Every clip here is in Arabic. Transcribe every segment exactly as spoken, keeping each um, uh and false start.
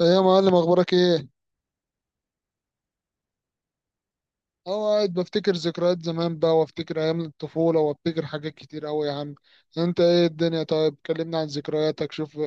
ايه يا معلم، اخبارك ايه؟ اهو قاعد بفتكر ذكريات زمان بقى، وافتكر ايام الطفوله، وافتكر حاجات كتير قوي يا عم. انت ايه الدنيا؟ طيب كلمنا عن ذكرياتك، شوف.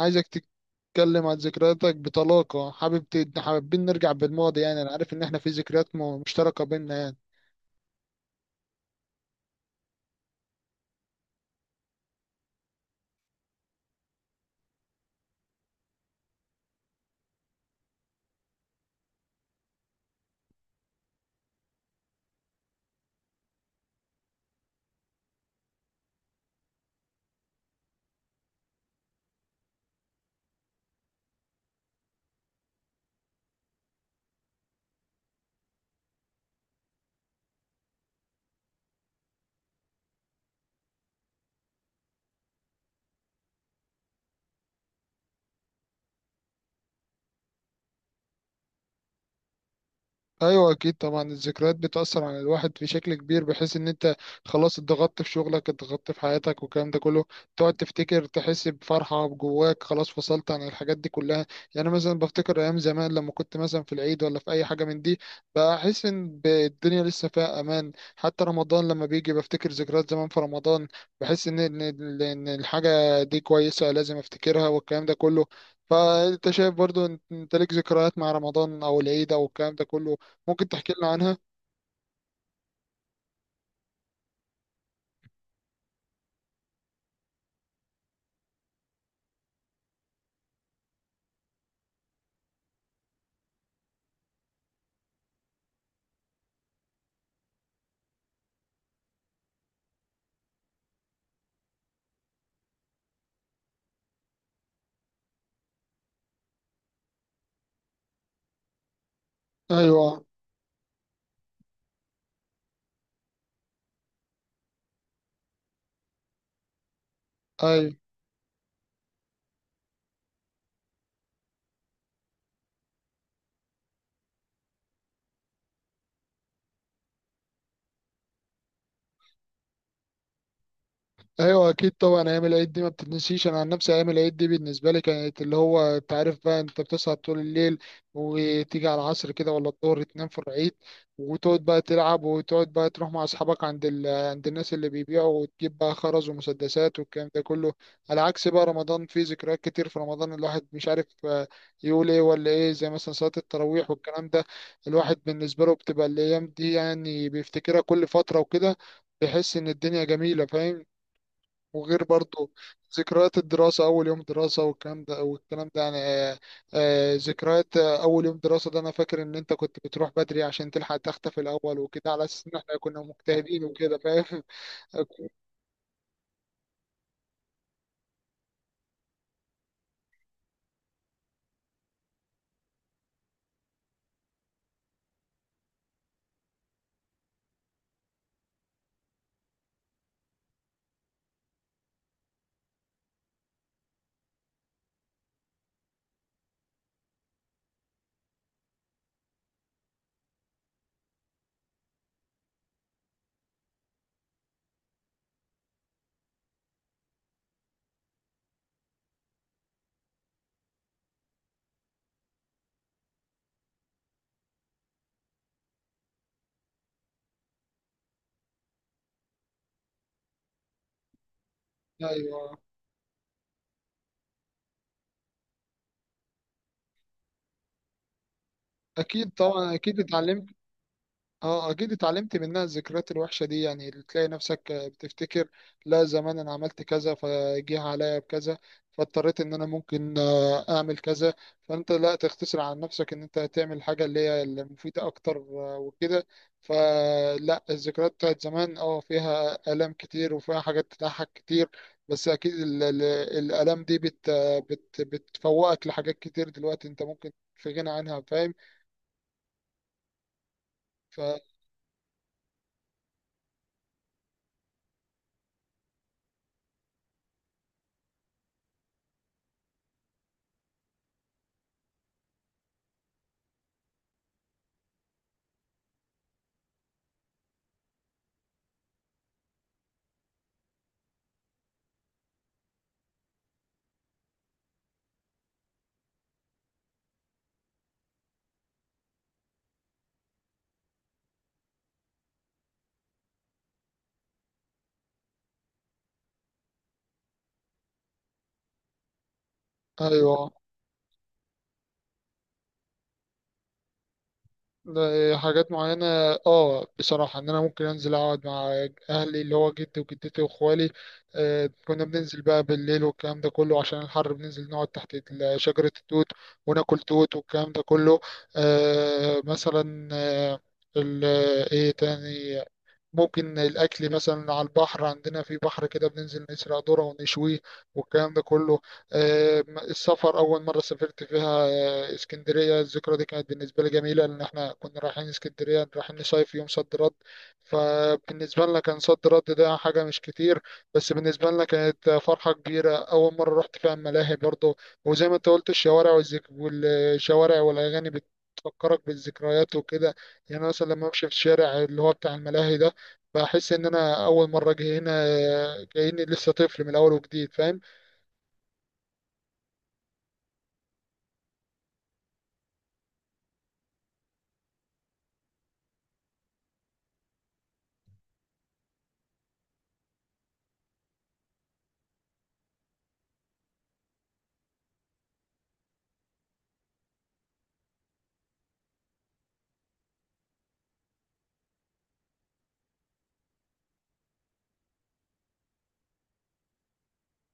عايزك تتكلم عن ذكرياتك بطلاقه. حابب ت- حابين نرجع بالماضي، يعني انا عارف ان احنا في ذكريات م- مشتركه بينا يعني. ايوه اكيد طبعا الذكريات بتاثر على الواحد في شكل كبير، بحيث ان انت خلاص اتضغطت في شغلك، اتضغطت في حياتك والكلام ده كله، تقعد تفتكر تحس بفرحه جواك، خلاص فصلت عن الحاجات دي كلها. يعني مثلا بفتكر ايام زمان لما كنت مثلا في العيد ولا في اي حاجه من دي، بحس ان ب- الدنيا لسه فيها امان. حتى رمضان لما بيجي بفتكر ذكريات زمان في رمضان، بحس ان ان إن- إن الحاجه دي كويسه، لازم افتكرها والكلام ده كله. فانت شايف برضو إن انت ليك ذكريات مع رمضان او العيد او الكلام ده كله؟ ممكن تحكي لنا عنها؟ ايوه، ايوه. ايوه اكيد طبعا ايام العيد دي ما بتتنسيش. انا عن نفسي ايام العيد دي بالنسبه لي كانت اللي هو انت عارف بقى، انت بتصحى طول الليل وتيجي على العصر كده ولا الظهر تنام في العيد، وتقعد بقى تلعب وتقعد بقى تروح مع اصحابك عند ال... عند الناس اللي بيبيعوا، وتجيب بقى خرز ومسدسات والكلام ده كله. على عكس بقى رمضان، فيه ذكريات كتير في رمضان. الواحد مش عارف آه، يقول ايه ولا ايه، زي مثلا صلاه التراويح والكلام ده. الواحد بالنسبه له بتبقى الايام دي، يعني بيفتكرها كل فتره وكده، بيحس ان الدنيا جميله، فاهم؟ وغير برضو ذكريات الدراسة، أول يوم دراسة والكلام ده والكلام ده، يعني آه، آه، ذكريات آه، أول يوم دراسة ده، أنا فاكر إن أنت كنت بتروح بدري عشان تلحق تختفي الأول وكده، على أساس إن إحنا كنا مجتهدين وكده، فاهم؟ أيوه أكيد طبعا، أكيد اتعلمت. اه اكيد اتعلمت منها الذكريات الوحشه دي، يعني اللي تلاقي نفسك بتفتكر: لا زمان انا عملت كذا فجه عليا بكذا، فاضطريت ان انا ممكن آه، اعمل كذا، فانت لا تختصر عن نفسك ان انت تعمل حاجه اللي هي المفيده اكتر آه، وكده. فلا، الذكريات بتاعت زمان اه فيها الام كتير وفيها حاجات تضحك كتير. بس اكيد ال- ال- الالام دي بت بت بتفوقك لحاجات كتير دلوقتي انت ممكن في غنى عنها، فاهم؟ فايوه، ده حاجات معينة. اه بصراحة ان انا ممكن انزل اقعد مع اهلي اللي هو جدي وجدتي واخوالي. آه كنا بننزل بقى بالليل والكلام ده كله، عشان الحر بننزل نقعد تحت ال- شجرة التوت وناكل توت والكلام ده كله. آه مثلا، آه ال- ايه تاني؟ ممكن الأكل مثلا على البحر، عندنا في بحر كده بننزل نسرق ذرة ونشويه والكلام ده كله. آه، السفر أول مرة سافرت فيها آه، اسكندرية، الذكرى دي كانت بالنسبة لي جميلة، لأن احنا كنا رايحين اسكندرية، رايحين نصيف يوم صد رد. فبالنسبة لنا كان صد رد ده حاجة مش كتير، بس بالنسبة لنا كانت فرحة كبيرة. أول مرة رحت فيها الملاهي برضه، وزي ما أنت قلت الشوارع والذك... والشوارع والأغاني بتفكرك بالذكريات وكده. يعني أنا مثلا لما أمشي في الشارع اللي هو بتاع الملاهي ده، بحس ان انا اول مره اجي هنا، آه، كاني لسه طفل من الاول وجديد، فاهم؟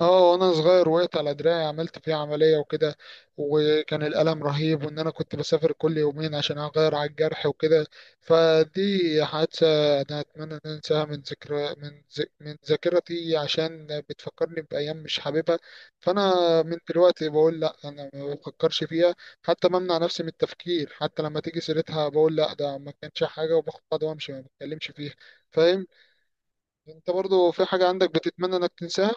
اه وانا صغير وقعت على دراعي، عملت فيه عملية وكده، وكان الألم رهيب، وان انا كنت بسافر كل يومين عشان اغير على الجرح وكده. فدي حادثة انا اتمنى ان أنا انساها من ذكرى من ذ... من ذاكرتي، عشان بتفكرني بأيام مش حاببها. فانا من دلوقتي بقول لا، انا ما بفكرش فيها. حتى بمنع نفسي من التفكير، حتى لما تيجي سيرتها بقول لا ده ما كانش حاجة، وباخد بعض وامشي، ما بتكلمش فيها، فاهم؟ انت برضو في حاجة عندك بتتمنى انك تنساها؟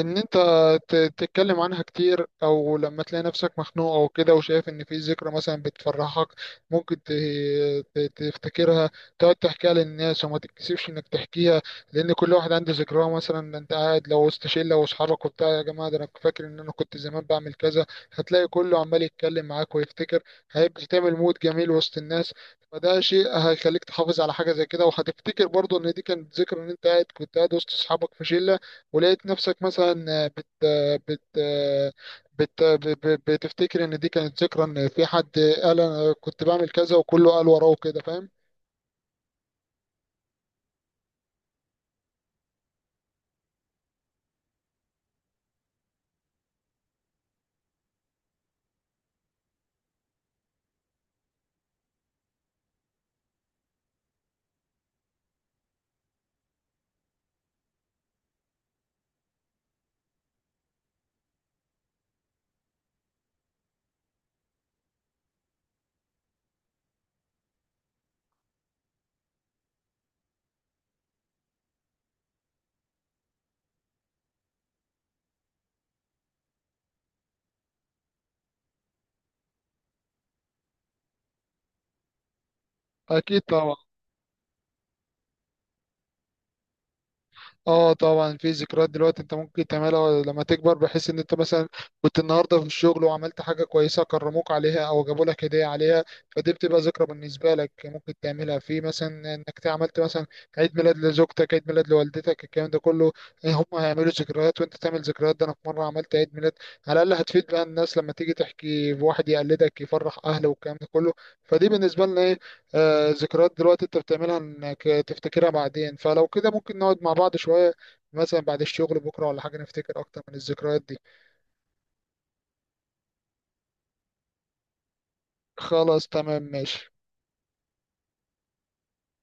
ان انت ت- تتكلم عنها كتير، او لما تلاقي نفسك مخنوق او كده وشايف ان في ذكرى مثلا بتفرحك، ممكن ت- ت- تفتكرها، تقعد تحكيها للناس وما تتكسفش انك تحكيها، لان كل واحد عنده ذكراه. مثلا انت قاعد لو وسط شله واصحابك وبتاع: يا جماعه ده انا فاكر ان انا كنت زمان بعمل كذا، هتلاقي كله عمال يتكلم معاك ويفتكر، هيبقى تعمل مود جميل وسط الناس. فده شيء هيخليك تحافظ على حاجه زي كده، وهتفتكر برضه ان دي كانت ذكرى، ان انت قاعد كنت قاعد وسط اصحابك في شله ولقيت نفسك مثلا بت بت بت بت- بتفتكر ان دي كانت ذكرى، ان في حد قال انا كنت بعمل كذا وكله قال وراه كده، فاهم؟ اكيد طبعا. اه طبعا في ذكريات دلوقتي انت ممكن تعملها لما تكبر، بحيث ان انت مثلا كنت النهارده في الشغل وعملت حاجه كويسه كرموك عليها او جابوا لك هديه عليها. فدي بتبقى ذكرى بالنسبه لك، ممكن تعملها في مثلا انك عملت مثلا عيد ميلاد لزوجتك، عيد ميلاد لوالدتك، الكلام ده كله. آه، هم هيعملوا ذكريات وانت تعمل ذكريات. ده انا في مره عملت عيد ميلاد، على الاقل هتفيد بقى الناس لما تيجي تحكي، واحد يقلدك يفرح اهله والكلام ده كله. فدي بالنسبه لنا إيه، آه، ذكريات دلوقتي انت بتعملها انك تفتكرها بعدين. فلو كده ممكن نقعد مع بعض شوية، مثلا بعد الشغل بكرة ولا حاجة، نفتكر اكتر من الذكريات دي. خلاص تمام ماشي.